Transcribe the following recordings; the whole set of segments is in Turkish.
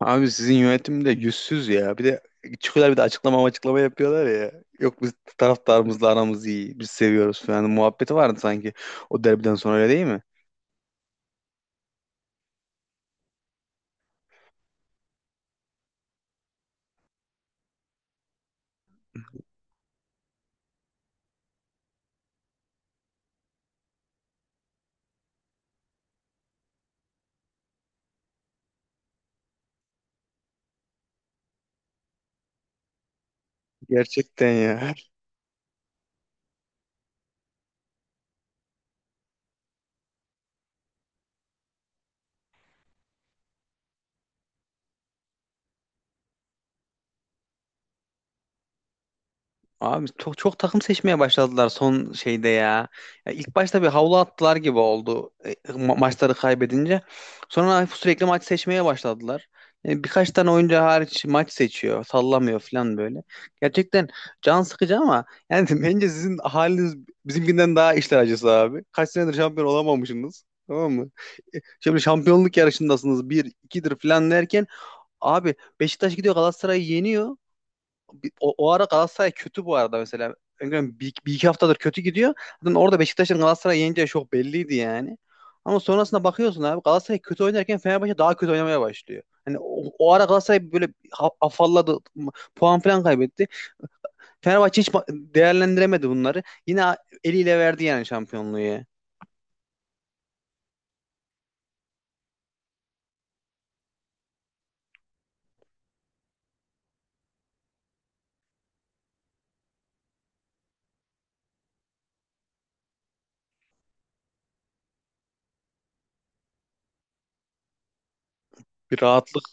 Abi sizin yönetim de yüzsüz ya. Bir de çıkıyorlar bir de açıklama açıklama yapıyorlar ya. Yok biz taraftarımızla aramız iyi. Biz seviyoruz falan. Muhabbeti vardı sanki o derbiden sonra öyle değil mi? Gerçekten ya. Abi çok çok takım seçmeye başladılar son şeyde ya. Ya ilk başta bir havlu attılar gibi oldu maçları kaybedince. Sonra sürekli maç seçmeye başladılar. Yani birkaç tane oyuncu hariç maç seçiyor, sallamıyor falan böyle. Gerçekten can sıkıcı ama yani bence sizin haliniz bizimkinden daha işler acısı abi. Kaç senedir şampiyon olamamışsınız. Tamam mı? Şimdi şampiyonluk yarışındasınız. Bir, ikidir falan derken abi Beşiktaş gidiyor Galatasaray'ı yeniyor, o ara Galatasaray kötü bu arada mesela. Öngörüm bir iki haftadır kötü gidiyor. Zaten orada Beşiktaş'ın Galatasaray'ı yeneceği çok belliydi yani. Ama sonrasında bakıyorsun abi Galatasaray kötü oynarken Fenerbahçe daha kötü oynamaya başlıyor. Yani o ara Galatasaray böyle afalladı, puan falan kaybetti. Fenerbahçe hiç değerlendiremedi bunları. Yine eliyle verdi yani şampiyonluğu ya. Bir rahatlık.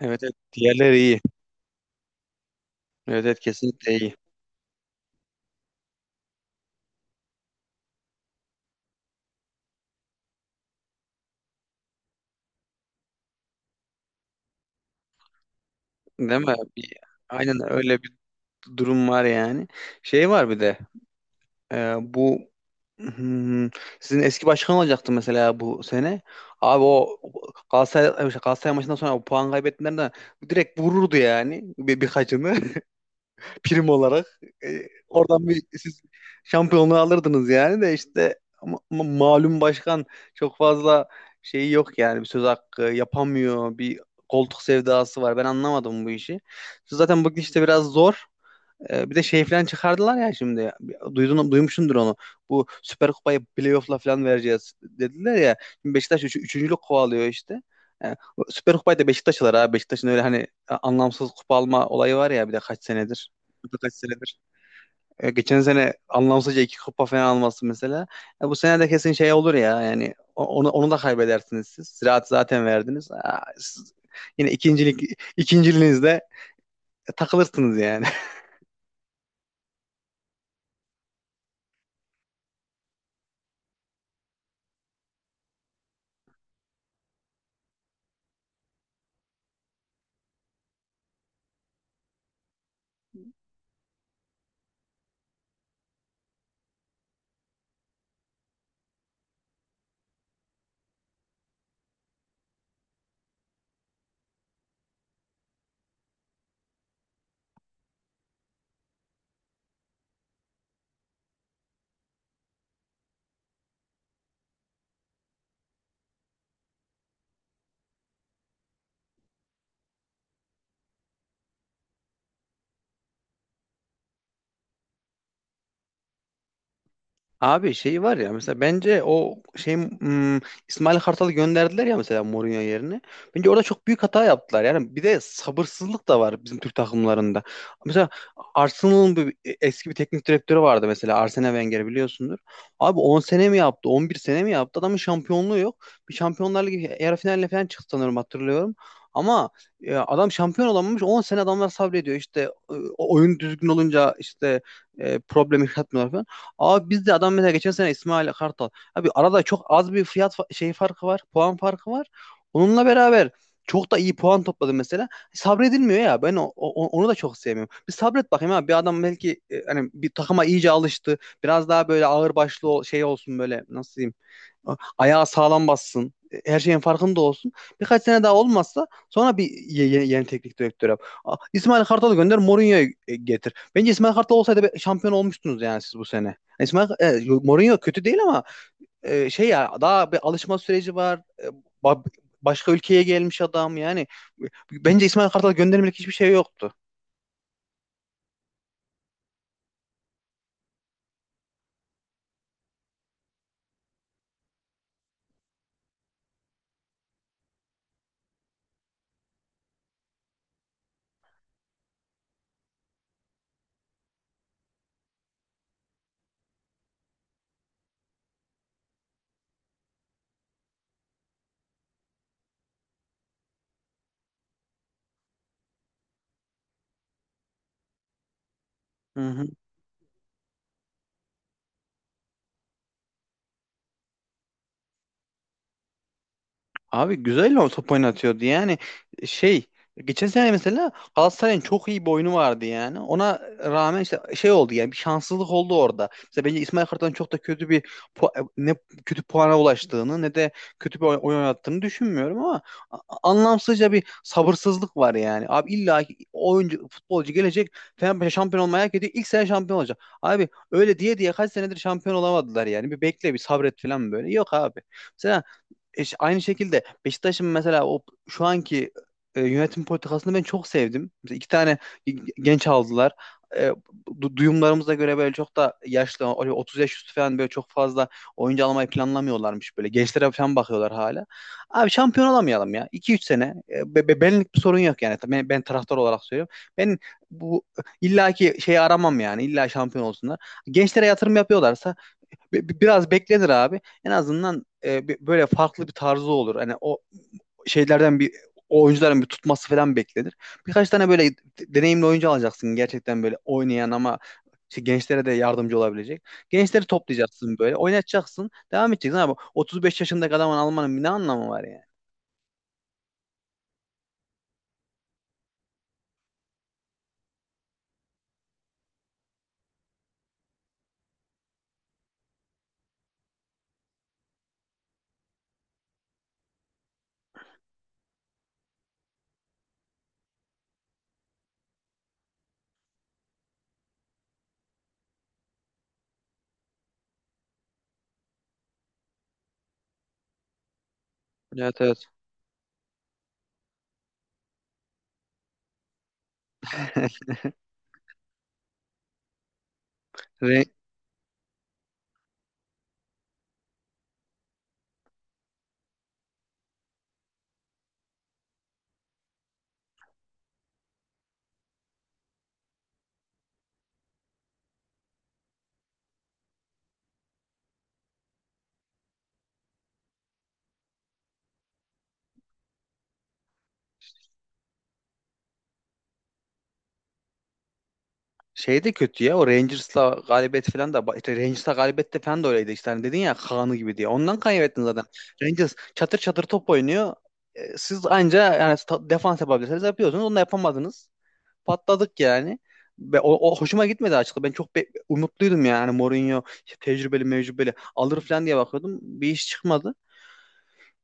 Evet, evet, diğerleri iyi. Evet, evet, kesinlikle iyi. Değil mi? Aynen öyle bir durum var yani. Şey var bir de. Bu, Hmm, sizin eski başkan olacaktı mesela bu sene. Abi o Galatasaray maçından sonra o puan kaybettiğinden direkt vururdu yani birkaçını prim olarak. Oradan bir siz şampiyonluğu alırdınız yani de işte malum başkan çok fazla şeyi yok yani bir söz hakkı yapamıyor bir koltuk sevdası var. Ben anlamadım bu işi. Zaten bu işte biraz zor. Bir de şey falan çıkardılar ya şimdi. Duymuşsundur onu. Bu Süper Kupayı playoff'la falan vereceğiz dediler ya. Şimdi Beşiktaş üçüncülük kovalıyor işte. Ee, Süper Kupayı da Beşiktaş alır abi. Beşiktaş'ın öyle hani anlamsız kupa alma olayı var ya bir de kaç senedir. Bu da kaç senedir. Geçen sene anlamsızca iki kupa falan alması mesela. Bu sene de kesin şey olur ya yani onu da kaybedersiniz siz. Ziraat zaten verdiniz. Siz yine ikinciliğinizde takılırsınız yani. Abi şey var ya mesela bence o şey İsmail Kartal'ı gönderdiler ya mesela Mourinho yerine. Bence orada çok büyük hata yaptılar. Yani bir de sabırsızlık da var bizim Türk takımlarında. Mesela Arsenal'ın eski bir teknik direktörü vardı mesela Arsene Wenger biliyorsundur. Abi 10 sene mi yaptı? 11 sene mi yaptı? Adamın şampiyonluğu yok. Bir Şampiyonlar Ligi yarı finaline falan çıktı sanırım hatırlıyorum. Ama adam şampiyon olamamış 10 sene adamlar sabrediyor. İşte oyun düzgün olunca işte problem yaratmıyorlar falan. Abi biz de adam mesela geçen sene İsmail Kartal. Abi arada çok az bir fiyat şey farkı var. Puan farkı var. Onunla beraber çok da iyi puan topladı mesela. Sabredilmiyor ya. Ben onu da çok sevmiyorum. Bir sabret bakayım abi. Bir adam belki hani bir takıma iyice alıştı. Biraz daha böyle ağır başlı şey olsun böyle nasıl diyeyim ayağı sağlam bassın. Her şeyin farkında olsun. Birkaç sene daha olmazsa sonra bir yeni teknik direktör yap. İsmail Kartal'ı gönder, Mourinho'yu getir. Bence İsmail Kartal olsaydı şampiyon olmuştunuz yani siz bu sene. Mourinho kötü değil ama şey ya daha bir alışma süreci var. Ba- Başka ülkeye gelmiş adam yani. Bence İsmail Kartal göndermelik hiçbir şey yoktu. Hı hı. Abi güzel o top oynatıyordu yani şey geçen sene mesela Galatasaray'ın çok iyi bir oyunu vardı yani ona rağmen işte şey oldu yani bir şanssızlık oldu orada. Mesela bence İsmail Kartal'ın çok da kötü bir ne kötü puana ulaştığını ne de kötü bir oyun oynattığını düşünmüyorum ama a- anlamsızca bir sabırsızlık var yani. Abi illa ki oyuncu futbolcu gelecek Fenerbahçe şampiyon olmaya hak ediyor ilk sene şampiyon olacak. Abi öyle diye diye kaç senedir şampiyon olamadılar yani bir bekle bir sabret falan böyle yok abi. Mesela aynı şekilde Beşiktaş'ın mesela o şu anki yönetim politikasını ben çok sevdim. Mesela iki tane genç aldılar. E, Duyumlarımıza göre böyle çok da yaşlı, öyle 30 yaş üstü falan böyle çok fazla oyuncu almayı planlamıyorlarmış böyle. Gençlere falan bakıyorlar hala. Abi şampiyon olamayalım ya. 2 3 sene. Benlik bir sorun yok yani. Ben taraftar olarak söylüyorum. Ben bu illaki şeyi aramam yani. İlla şampiyon olsunlar. Gençlere yatırım yapıyorlarsa biraz beklenir abi. En azından böyle farklı bir tarzı olur. Hani o şeylerden bir o oyuncuların bir tutması falan beklenir. Birkaç tane böyle deneyimli oyuncu alacaksın gerçekten böyle oynayan ama işte gençlere de yardımcı olabilecek. Gençleri toplayacaksın böyle, oynatacaksın, devam edeceksin abi. 35 yaşındaki adamın almanın bir ne anlamı var yani? Evet evet. Re- Şey de kötü ya o Rangers'la galibiyet falan da işte Rangers'la galibiyet de falan da öyleydi işte hani dedin ya Kaan'ı gibi diye. Ondan kaybettin zaten. Rangers çatır çatır top oynuyor. Siz anca yani defans yapabilirsiniz yapıyorsunuz. Onu da yapamadınız. Patladık yani. Ve o hoşuma gitmedi açıkçası. Ben çok umutluydum yani Mourinho işte tecrübeli mecrübeli alır falan diye bakıyordum. Bir iş çıkmadı.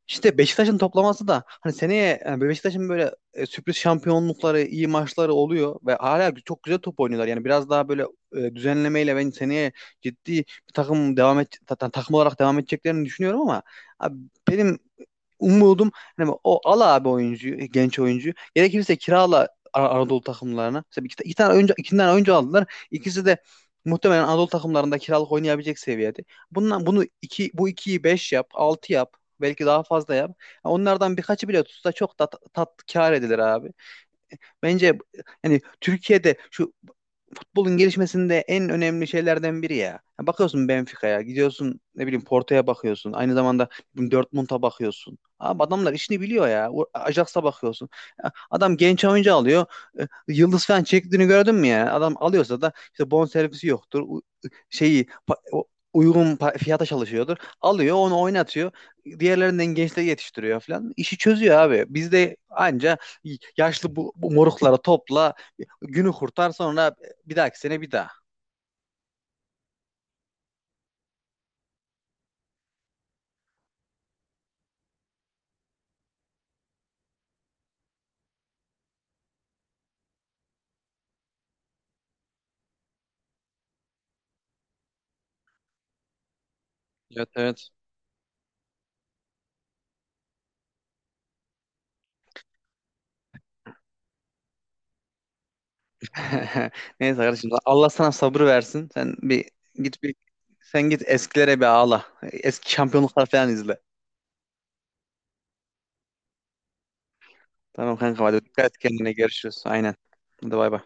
İşte Beşiktaş'ın toplaması da hani seneye yani Beşiktaş'ın böyle sürpriz şampiyonlukları, iyi maçları oluyor ve hala çok güzel top oynuyorlar. Yani biraz daha böyle düzenlemeyle ben seneye ciddi bir takım devam et takım olarak devam edeceklerini düşünüyorum ama abi benim umudum hani o al abi oyuncuyu, genç oyuncuyu. Gerekirse kirala Anadolu takımlarına. Mesela iki tane oyuncu, aldılar. İkisi de muhtemelen Anadolu takımlarında kiralık oynayabilecek seviyede. Bundan bunu iki bu ikiyi 5 yap, 6 yap. Belki daha fazla yap. Ya onlardan birkaçı bile tutsa çok da tat, tat kâr edilir abi. Bence yani Türkiye'de şu futbolun gelişmesinde en önemli şeylerden biri ya. Ya bakıyorsun Benfica'ya, gidiyorsun ne bileyim Porto'ya bakıyorsun. Aynı zamanda Dortmund'a bakıyorsun. Abi adamlar işini biliyor ya. Ajax'a bakıyorsun. Ya adam genç oyuncu alıyor. Yıldız falan çektiğini gördün mü ya? Adam alıyorsa da işte bonservisi yoktur. Şeyi uygun fiyata çalışıyordur. Alıyor onu oynatıyor. Diğerlerinden gençleri yetiştiriyor falan. İşi çözüyor abi. Bizde anca yaşlı bu moruklara topla günü kurtar sonra bir dahaki sene bir daha. Evet evet. Neyse kardeşim Allah sana sabrı versin. Sen bir git bir sen git eskilere bir ağla. Eski şampiyonluklar falan izle. Tamam kanka hadi dikkat et kendine görüşürüz. Aynen. Hadi bay bay.